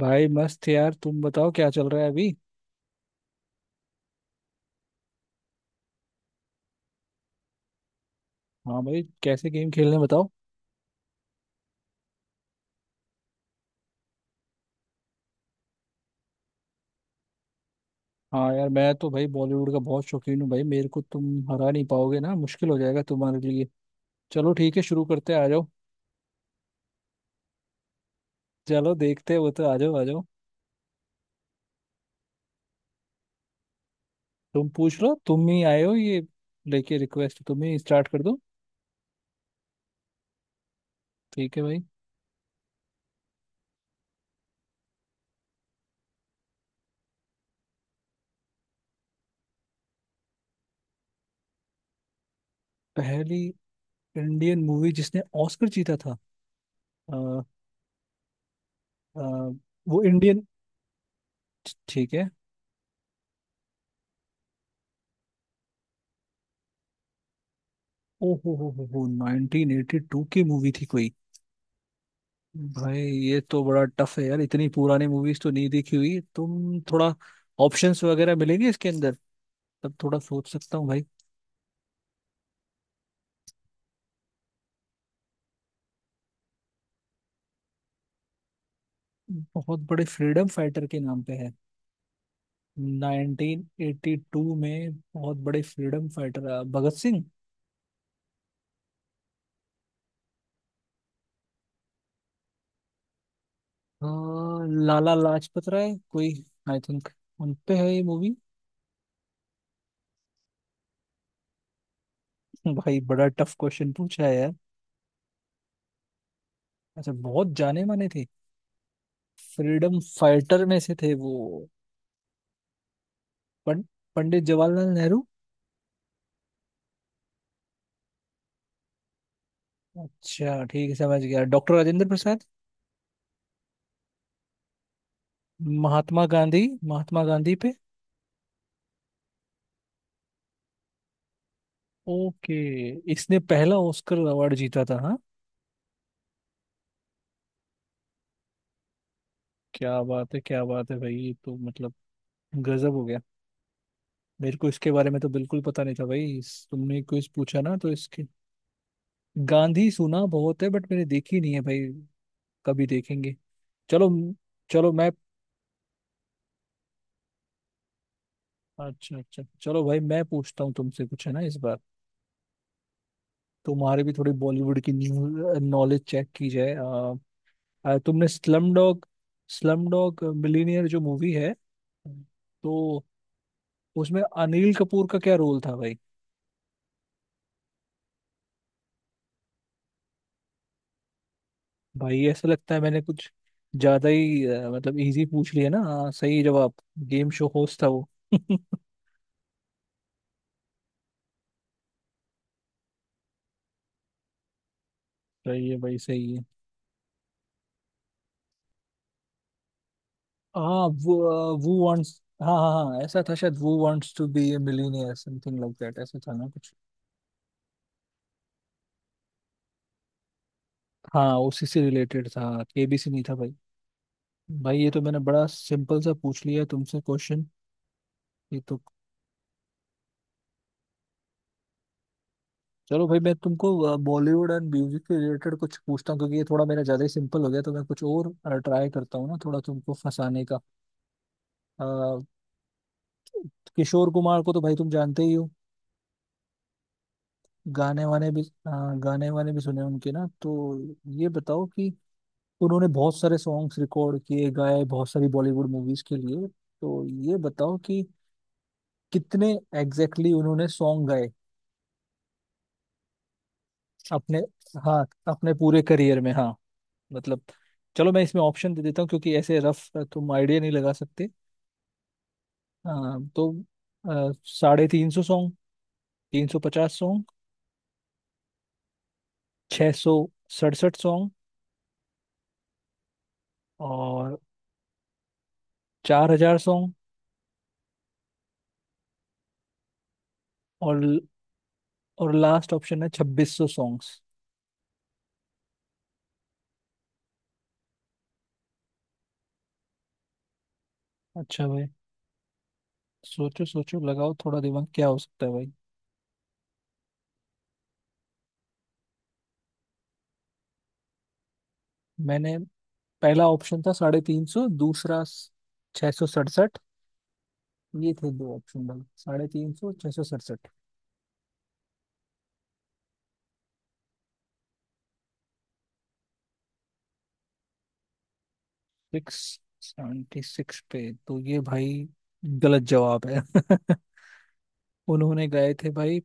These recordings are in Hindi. भाई मस्त यार। तुम बताओ क्या चल रहा है अभी। हाँ भाई, कैसे गेम खेलने हैं बताओ। हाँ यार, मैं तो भाई बॉलीवुड का बहुत शौकीन हूँ। भाई मेरे को तुम हरा नहीं पाओगे ना, मुश्किल हो जाएगा तुम्हारे लिए। चलो ठीक है, शुरू करते हैं, आ जाओ। चलो देखते हैं वो तो, आ जाओ आ जाओ। तुम पूछ लो, तुम ही आए हो ये लेके रिक्वेस्ट, तुम ही स्टार्ट कर दो। ठीक है भाई। पहली इंडियन मूवी जिसने ऑस्कर जीता था। अ, अ, वो इंडियन। ठीक है। ओ हो, 1982 की मूवी थी कोई। भाई ये तो बड़ा टफ है यार, इतनी पुरानी मूवीज तो नहीं देखी हुई। तुम थोड़ा ऑप्शंस वगैरह मिलेंगे इसके अंदर तब थोड़ा सोच सकता हूँ भाई। बहुत बड़े फ्रीडम फाइटर के नाम पे है। 1982 में बहुत बड़े फ्रीडम फाइटर। भगत सिंह? अ, लाला लाजपत राय कोई, आई थिंक उन पे है ये मूवी। भाई बड़ा टफ क्वेश्चन पूछा है यार। अच्छा, बहुत जाने माने थे। फ्रीडम फाइटर में से थे वो। पं- पंडित जवाहरलाल नेहरू। अच्छा ठीक है, समझ गया, डॉक्टर राजेंद्र प्रसाद। महात्मा गांधी। महात्मा गांधी पे। ओके। इसने पहला ऑस्कर अवार्ड जीता था हाँ। क्या बात है, क्या बात है भाई, ये तो मतलब गजब हो गया। मेरे को इसके बारे में तो बिल्कुल पता नहीं था भाई, तुमने कुछ पूछा ना तो इसके। गांधी सुना बहुत है बट मैंने देखी नहीं है भाई, कभी देखेंगे। चलो। चलो मैं। अच्छा अच्छा, चलो भाई मैं पूछता हूँ तुमसे कुछ है ना इस बार। तुम्हारे भी थोड़ी बॉलीवुड की न्यूज नॉलेज चेक की जाए। तुमने स्लम डॉग मिलीनियर जो मूवी है तो, उसमें अनिल कपूर का क्या रोल था भाई? भाई ऐसा लगता है मैंने कुछ ज्यादा ही मतलब इजी पूछ लिया ना। हाँ, सही जवाब। गेम शो होस्ट था वो। सही है भाई सही है। हाँ वो वांट्स, हाँ हाँ हाँ ऐसा था शायद, वो wants to be a millionaire, something like that, ऐसा था ना कुछ। हाँ, उसी से रिलेटेड था, केबीसी नहीं था भाई। भाई ये तो मैंने बड़ा सिंपल सा पूछ लिया तुमसे क्वेश्चन। ये तो, चलो भाई मैं तुमको बॉलीवुड एंड म्यूजिक के रिलेटेड कुछ पूछता हूँ क्योंकि ये थोड़ा मेरा ज्यादा ही सिंपल हो गया तो मैं कुछ और ट्राई करता हूँ ना, थोड़ा तुमको फंसाने का। अ, किशोर कुमार को तो भाई तुम जानते ही हो। गाने वाने भी अ, गाने वाने भी सुने उनके ना तो, ये बताओ कि उन्होंने बहुत सारे सॉन्ग्स रिकॉर्ड किए, गाए बहुत सारी बॉलीवुड मूवीज के लिए, तो ये बताओ कि कितने एग्जैक्टली exactly उन्होंने सॉन्ग गाए अपने, हाँ अपने पूरे करियर में हाँ, मतलब। चलो मैं इसमें ऑप्शन दे देता हूँ क्योंकि ऐसे रफ तुम आइडिया नहीं लगा सकते। अ, तो अ, 350 सॉन्ग, 350 सॉन्ग, 667 सॉन्ग, और 4000 सॉन्ग, और और लास्ट ऑप्शन है 2600 सॉन्ग्स। अच्छा भाई, सोचो सोचो लगाओ थोड़ा दिमाग क्या हो सकता है भाई। मैंने पहला ऑप्शन था 350, दूसरा 667। ये थे दो ऑप्शन भाई, 350, 667। 676 पे तो ये भाई गलत जवाब है। उन्होंने गाए थे भाई।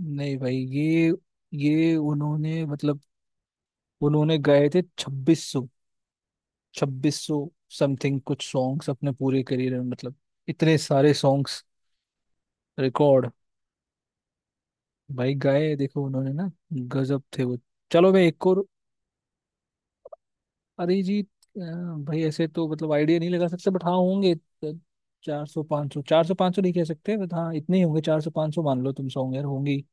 नहीं भाई, ये उन्होंने मतलब, उन्होंने गाए थे 2600, 2600 समथिंग कुछ सॉन्ग्स अपने पूरे करियर में, मतलब इतने सारे सॉन्ग्स रिकॉर्ड। भाई गाए देखो उन्होंने ना, गजब थे वो। चलो मैं एक और। अरिजीत अ, भाई ऐसे तो मतलब आइडिया नहीं लगा सकते बट, हाँ होंगे 400 500, 400 500 नहीं कह सकते बट हाँ इतने ही होंगे, 400 500 मान लो तुम, सौ होंगे यार होंगी।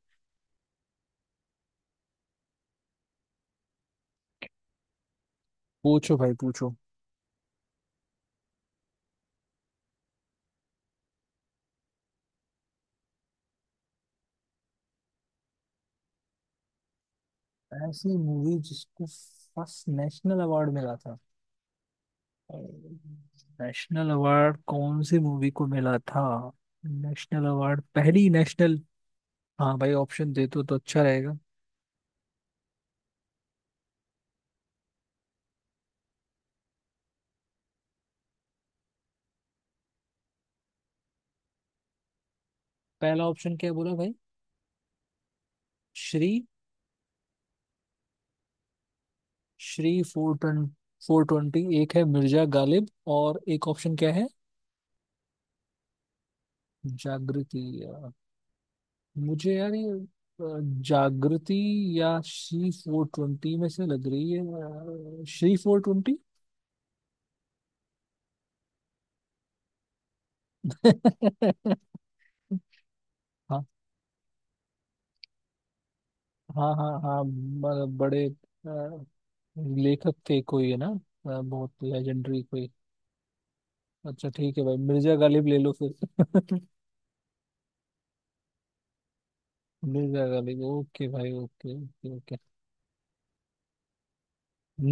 पूछो भाई पूछो। ऐसी मूवी जिसको फर्स्ट नेशनल अवार्ड मिला था। नेशनल अवार्ड कौन सी मूवी को मिला था, नेशनल अवार्ड पहली नेशनल। हाँ भाई, ऑप्शन दे तो अच्छा रहेगा। पहला ऑप्शन क्या बोला भाई? श्री श्री 420, 420 एक है मिर्जा गालिब, और एक ऑप्शन क्या है? जागृति या? मुझे यार ये जागृति या श्री 420 में से लग रही है। श्री 420। हाँ हाँ हाँ हाँ, बड़े लेखक थे कोई है ना, बहुत लेजेंडरी कोई। अच्छा ठीक है भाई, मिर्जा गालिब ले लो फिर। मिर्जा गालिब, ओके भाई, ओके ओके ओके।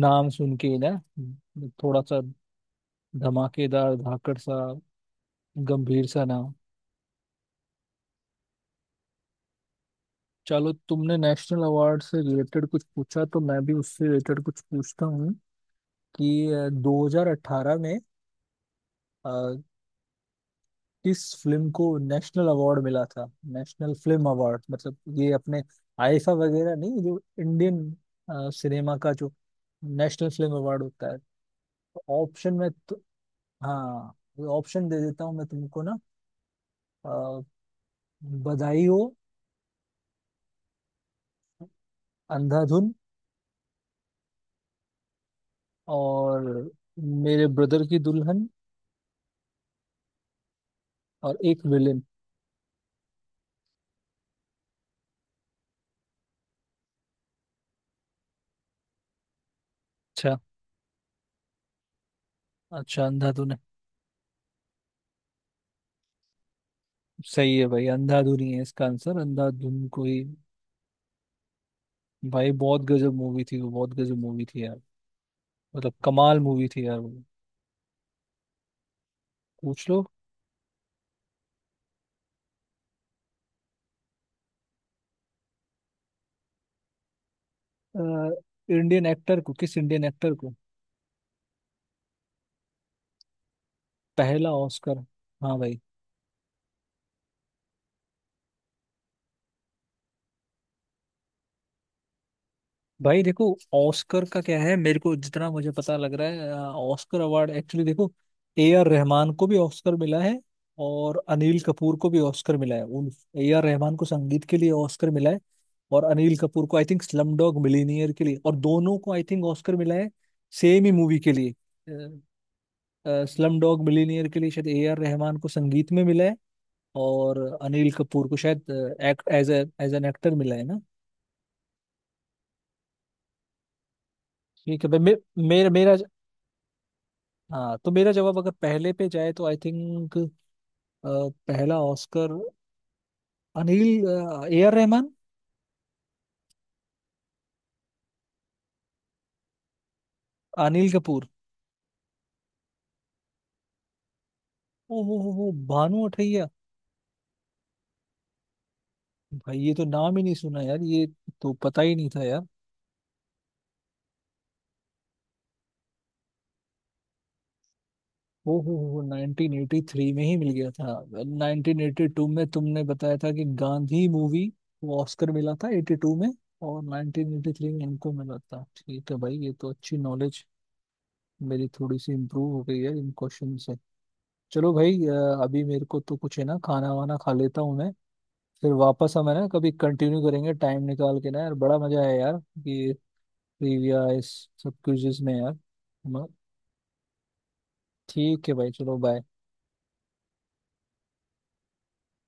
नाम सुन के ही ना थोड़ा सा धमाकेदार, धाकड़ सा गंभीर सा नाम। चलो तुमने नेशनल अवार्ड से रिलेटेड कुछ पूछा तो मैं भी उससे रिलेटेड कुछ पूछता हूँ कि 2018 में अ, किस फिल्म को नेशनल अवार्ड मिला था। नेशनल फिल्म अवार्ड, मतलब ये अपने आईफा वगैरह नहीं, जो इंडियन सिनेमा का जो नेशनल फिल्म अवार्ड होता है। तो ऑप्शन में तो, हाँ ऑप्शन दे देता हूँ मैं तुमको ना। अ, बधाई हो, अंधाधुन, और मेरे ब्रदर की दुल्हन, और एक विलेन। अच्छा, अंधाधुन है। सही है भाई, अंधाधुन ही है इसका आंसर, अंधाधुन कोई। भाई बहुत गजब मूवी थी वो, बहुत गजब मूवी थी यार, मतलब कमाल मूवी थी यार वो। पूछ लो। अ, इंडियन एक्टर को, किस इंडियन एक्टर को, पहला ऑस्कर? हाँ भाई। भाई देखो ऑस्कर का क्या है, मेरे को जितना मुझे पता लग रहा है, ऑस्कर अवार्ड एक्चुअली देखो, ए आर रहमान को भी ऑस्कर मिला है और अनिल कपूर को भी ऑस्कर मिला है उन। ए आर रहमान को संगीत के लिए ऑस्कर मिला है और अनिल कपूर को I think slumdog millionaire के लिए, और दोनों को आई थिंक ऑस्कर मिला है सेम ही मूवी के लिए, स्लम डॉग मिलीनियर के लिए। शायद ए आर रहमान को संगीत में मिला है और अनिल कपूर को शायद act as as an actor मिला है ना। ठीक है भाई, मे, मेरा मेरा। हाँ तो मेरा जवाब अगर पहले पे जाए तो, आई थिंक पहला Oscar, Anil A R Rahman, Anil Kapoor. ओ हो, भानु अथैया। भाई ये तो नाम ही नहीं सुना यार, ये तो पता ही नहीं था यार। ओ हो, 1983 में ही मिल गया था। 1982 में तुमने बताया था कि गांधी मूवी को ऑस्कर मिला था '82 में, और 1983 में इनको मिला था, ठीक है भाई। ये तो अच्छी नॉलेज मेरी थोड़ी सी इम्प्रूव हो गई है इन क्वेश्चन। चलो भाई, अभी मेरे को तो कुछ है ना, खाना वाना खा लेता हूँ मैं, फिर वापस हम है ना कभी कंटिन्यू करेंगे टाइम निकाल के ना, यार बड़ा मजा आया यार, ये ट्रिविया इस सब क्विज़ेस में यार। म- ठीक है भाई चलो बाय।